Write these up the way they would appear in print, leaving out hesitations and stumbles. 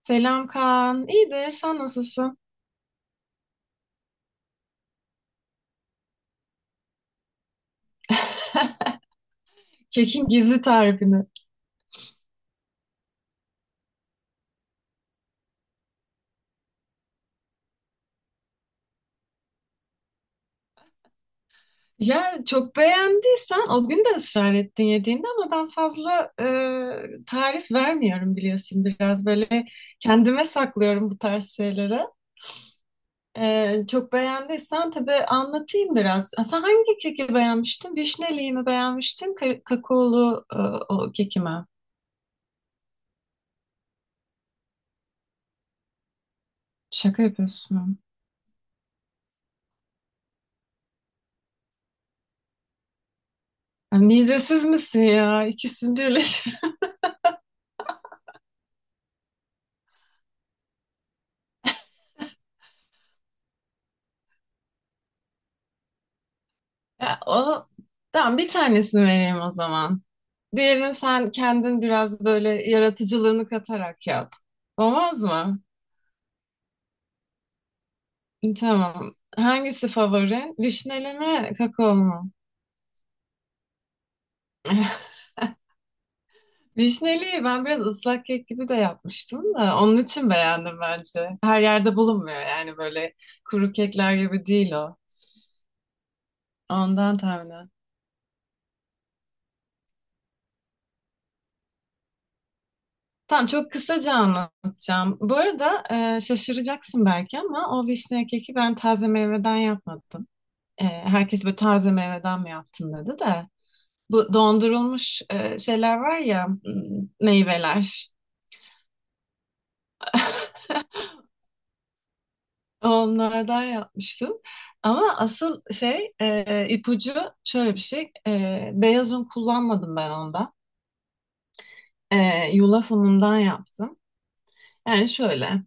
Selam Kaan. İyidir. Sen nasılsın? Kekin gizli tarifini. Ya çok beğendiysen o gün de ısrar ettin yediğinde ama ben fazla tarif vermiyorum biliyorsun. Biraz böyle kendime saklıyorum bu tarz şeyleri. Çok beğendiysen tabii anlatayım biraz. Ha, sen hangi keki beğenmiştin? Vişneliği mi beğenmiştin? Kakaolu o keki mi? Şaka yapıyorsun. Ya, midesiz misin ya? İkisini birleştir. Ya, o tamam, bir tanesini vereyim o zaman. Diğerini sen kendin biraz böyle yaratıcılığını katarak yap. Olmaz mı? Tamam. Hangisi favorin? Vişneli mi, kakao mu? Vişneliyi ben biraz ıslak kek gibi de yapmıştım da onun için beğendim bence. Her yerde bulunmuyor yani böyle kuru kekler gibi değil o. Ondan tahminen. Tamam, çok kısaca anlatacağım. Bu arada şaşıracaksın belki ama o vişne keki ben taze meyveden yapmadım. Herkes böyle taze meyveden mi yaptın dedi de. Bu dondurulmuş şeyler var ya, meyveler. Onlardan yapmıştım. Ama asıl şey ipucu şöyle bir şey. Beyaz un kullanmadım ben onda. Yulaf unundan yaptım. Yani şöyle.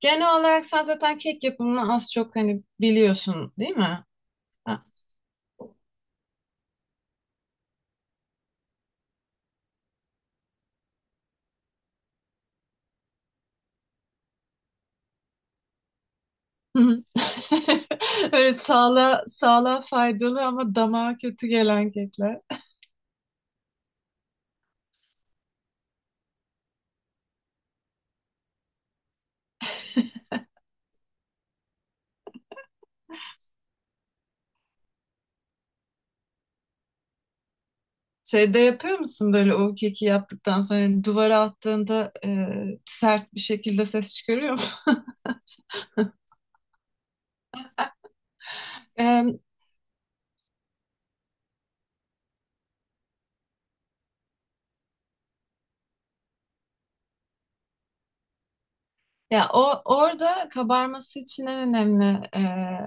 Genel olarak sen zaten kek yapımını az çok hani biliyorsun değil mi? Ha, hı hı. Evet, sağlığa, sağlığa faydalı ama damağa kötü gelen kekler. Şeyde yapıyor musun böyle o keki yaptıktan sonra yani duvara attığında sert bir şekilde ses çıkarıyor mu? Ya o orada kabarması için en önemli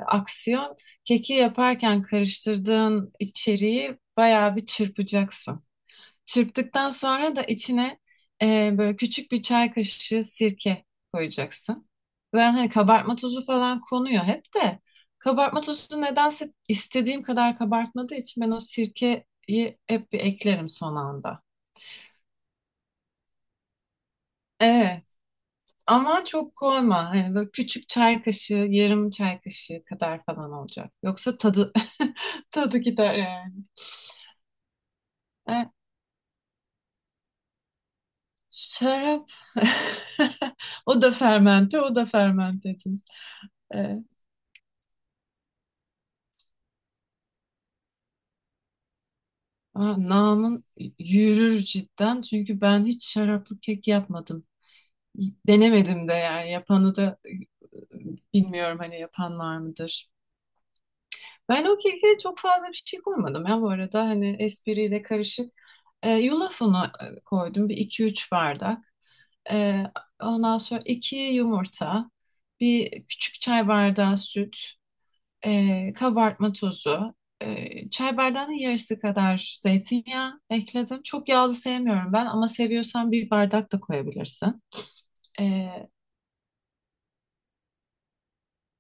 aksiyon, keki yaparken karıştırdığın içeriği bayağı bir çırpacaksın. Çırptıktan sonra da içine böyle küçük bir çay kaşığı sirke koyacaksın. Ben hani kabartma tozu falan konuyor hep de kabartma tozu nedense istediğim kadar kabartmadığı için ben o sirkeyi hep bir eklerim son anda. Evet. Ama çok koyma. Hani böyle küçük çay kaşığı, yarım çay kaşığı kadar falan olacak. Yoksa tadı tadı gider yani. E, Şarap. O da fermente, o da fermente diyoruz. E, Aa, namın yürür cidden. Çünkü ben hiç şaraplı kek yapmadım. Denemedim de yani. Yapanı da bilmiyorum, hani yapan var mıdır. Ben o keke çok fazla bir şey koymadım ya bu arada, hani espriyle karışık. Yulaf unu koydum bir iki üç bardak. E, Ondan sonra 2 yumurta, bir küçük çay bardağı süt, kabartma tozu, çay bardağının yarısı kadar zeytinyağı ekledim. Çok yağlı sevmiyorum ben ama seviyorsan bir bardak da koyabilirsin. Ee,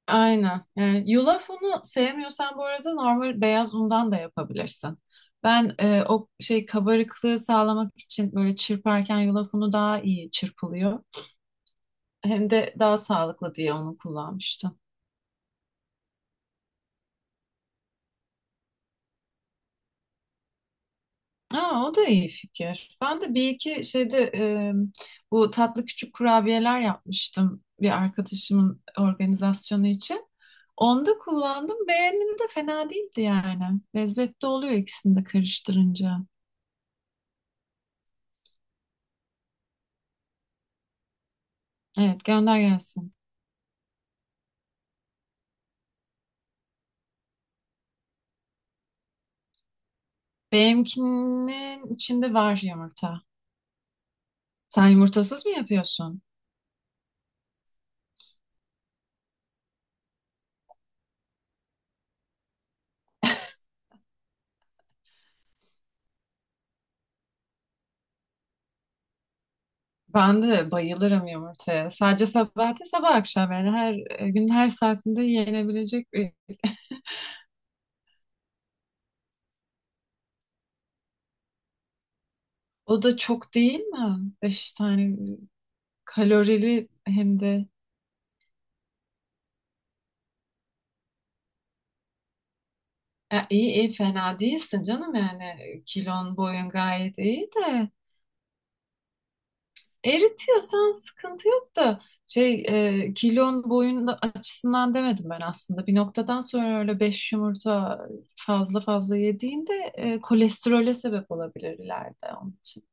Aynen. Yulaf unu sevmiyorsan bu arada normal beyaz undan da yapabilirsin. Ben o şey, kabarıklığı sağlamak için böyle çırparken yulaf unu daha iyi çırpılıyor. Hem de daha sağlıklı diye onu kullanmıştım. Aa, o da iyi fikir. Ben de bir iki şeyde bu tatlı küçük kurabiyeler yapmıştım bir arkadaşımın organizasyonu için. Onda kullandım. Beğenildi de fena değildi yani. Lezzetli oluyor ikisini de karıştırınca. Evet, gönder gelsin. Benimkinin içinde var yumurta. Sen yumurtasız mı yapıyorsun? Ben de bayılırım yumurtaya. Sadece sabah değil, sabah akşam yani her gün, her saatinde yenebilecek bir. O da çok değil mi? Beş tane, kalorili hem de. Ya iyi, iyi, fena değilsin canım yani, kilon boyun gayet iyi de. Eritiyorsan sıkıntı yok da şey kilon boyun açısından demedim ben aslında. Bir noktadan sonra öyle beş yumurta fazla fazla yediğinde kolesterole sebep olabilir ileride, onun için.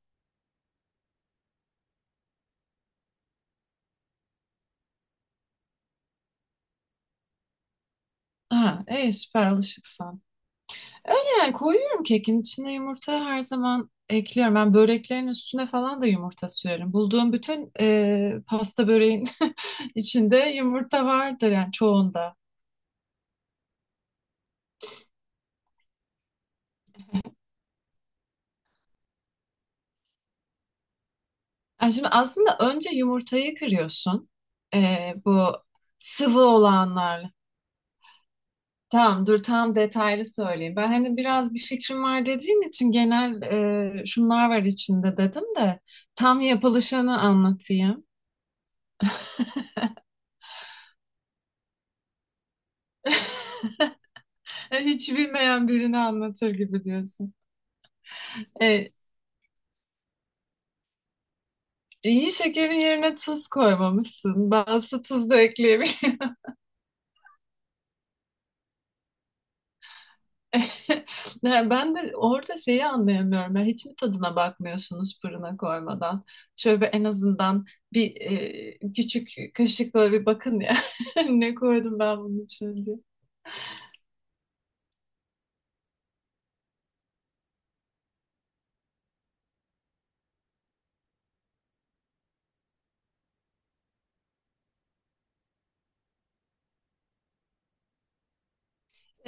Ha, süper alışıksan. Yani koyuyorum, kekin içine yumurta her zaman ekliyorum. Ben böreklerin üstüne falan da yumurta sürerim. Bulduğum bütün pasta böreğin içinde yumurta vardır yani, çoğunda. Yani şimdi aslında önce yumurtayı kırıyorsun. Bu sıvı olanlarla. Tamam, dur, tam detaylı söyleyeyim. Ben hani biraz bir fikrim var dediğin için genel şunlar var içinde dedim de, tam yapılışını anlatayım. Hiç bilmeyen birini anlatır gibi diyorsun. Ee, iyi şekerin yerine tuz koymamışsın. Bazısı tuz da ekleyebilir. Ne, ben de orada şeyi anlayamıyorum. Ya hiç mi tadına bakmıyorsunuz fırına koymadan? Şöyle bir, en azından bir küçük kaşıkla bir bakın ya. Ne koydum ben bunun için diye.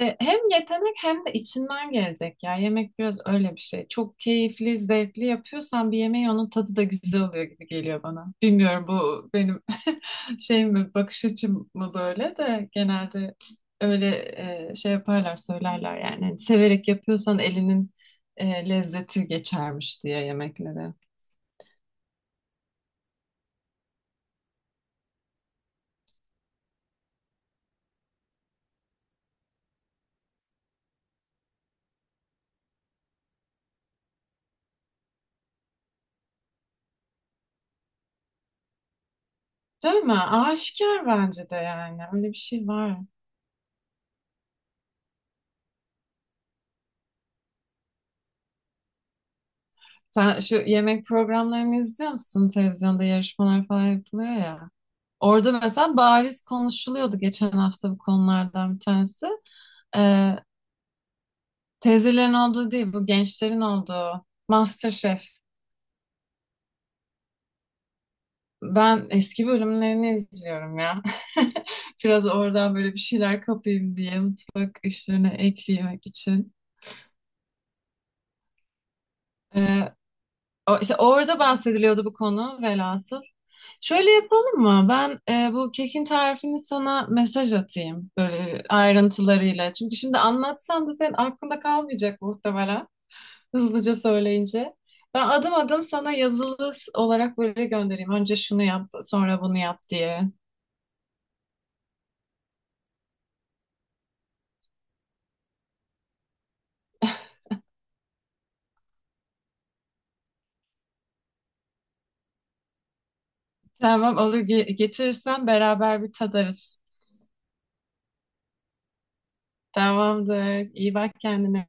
Hem yetenek hem de içinden gelecek ya. Yemek biraz öyle bir şey. Çok keyifli, zevkli yapıyorsan bir yemeği, onun tadı da güzel oluyor gibi geliyor bana. Bilmiyorum, bu benim şey mi, bakış açım mı böyle, de genelde öyle şey yaparlar, söylerler yani. Hani severek yapıyorsan elinin lezzeti geçermiş diye yemeklere. Değil mi? Aşikar bence de yani. Öyle bir şey var. Sen şu yemek programlarını izliyor musun? Televizyonda yarışmalar falan yapılıyor ya. Orada mesela bariz konuşuluyordu geçen hafta, bu konulardan bir tanesi. Ee, Teyzelerin olduğu değil, bu gençlerin olduğu. MasterChef. Ben eski bölümlerini izliyorum ya. Biraz oradan böyle bir şeyler kapayım diye, mutfak işlerine eklemek için. Ee, işte orada bahsediliyordu bu konu, velhasıl. Şöyle yapalım mı? Ben bu kekin tarifini sana mesaj atayım, böyle ayrıntılarıyla. Çünkü şimdi anlatsam da senin aklında kalmayacak muhtemelen, hızlıca söyleyince. Ben adım adım sana yazılı olarak böyle göndereyim. Önce şunu yap, sonra bunu yap diye. Tamam, olur, getirirsen beraber bir tadarız. Tamamdır. İyi bak kendine.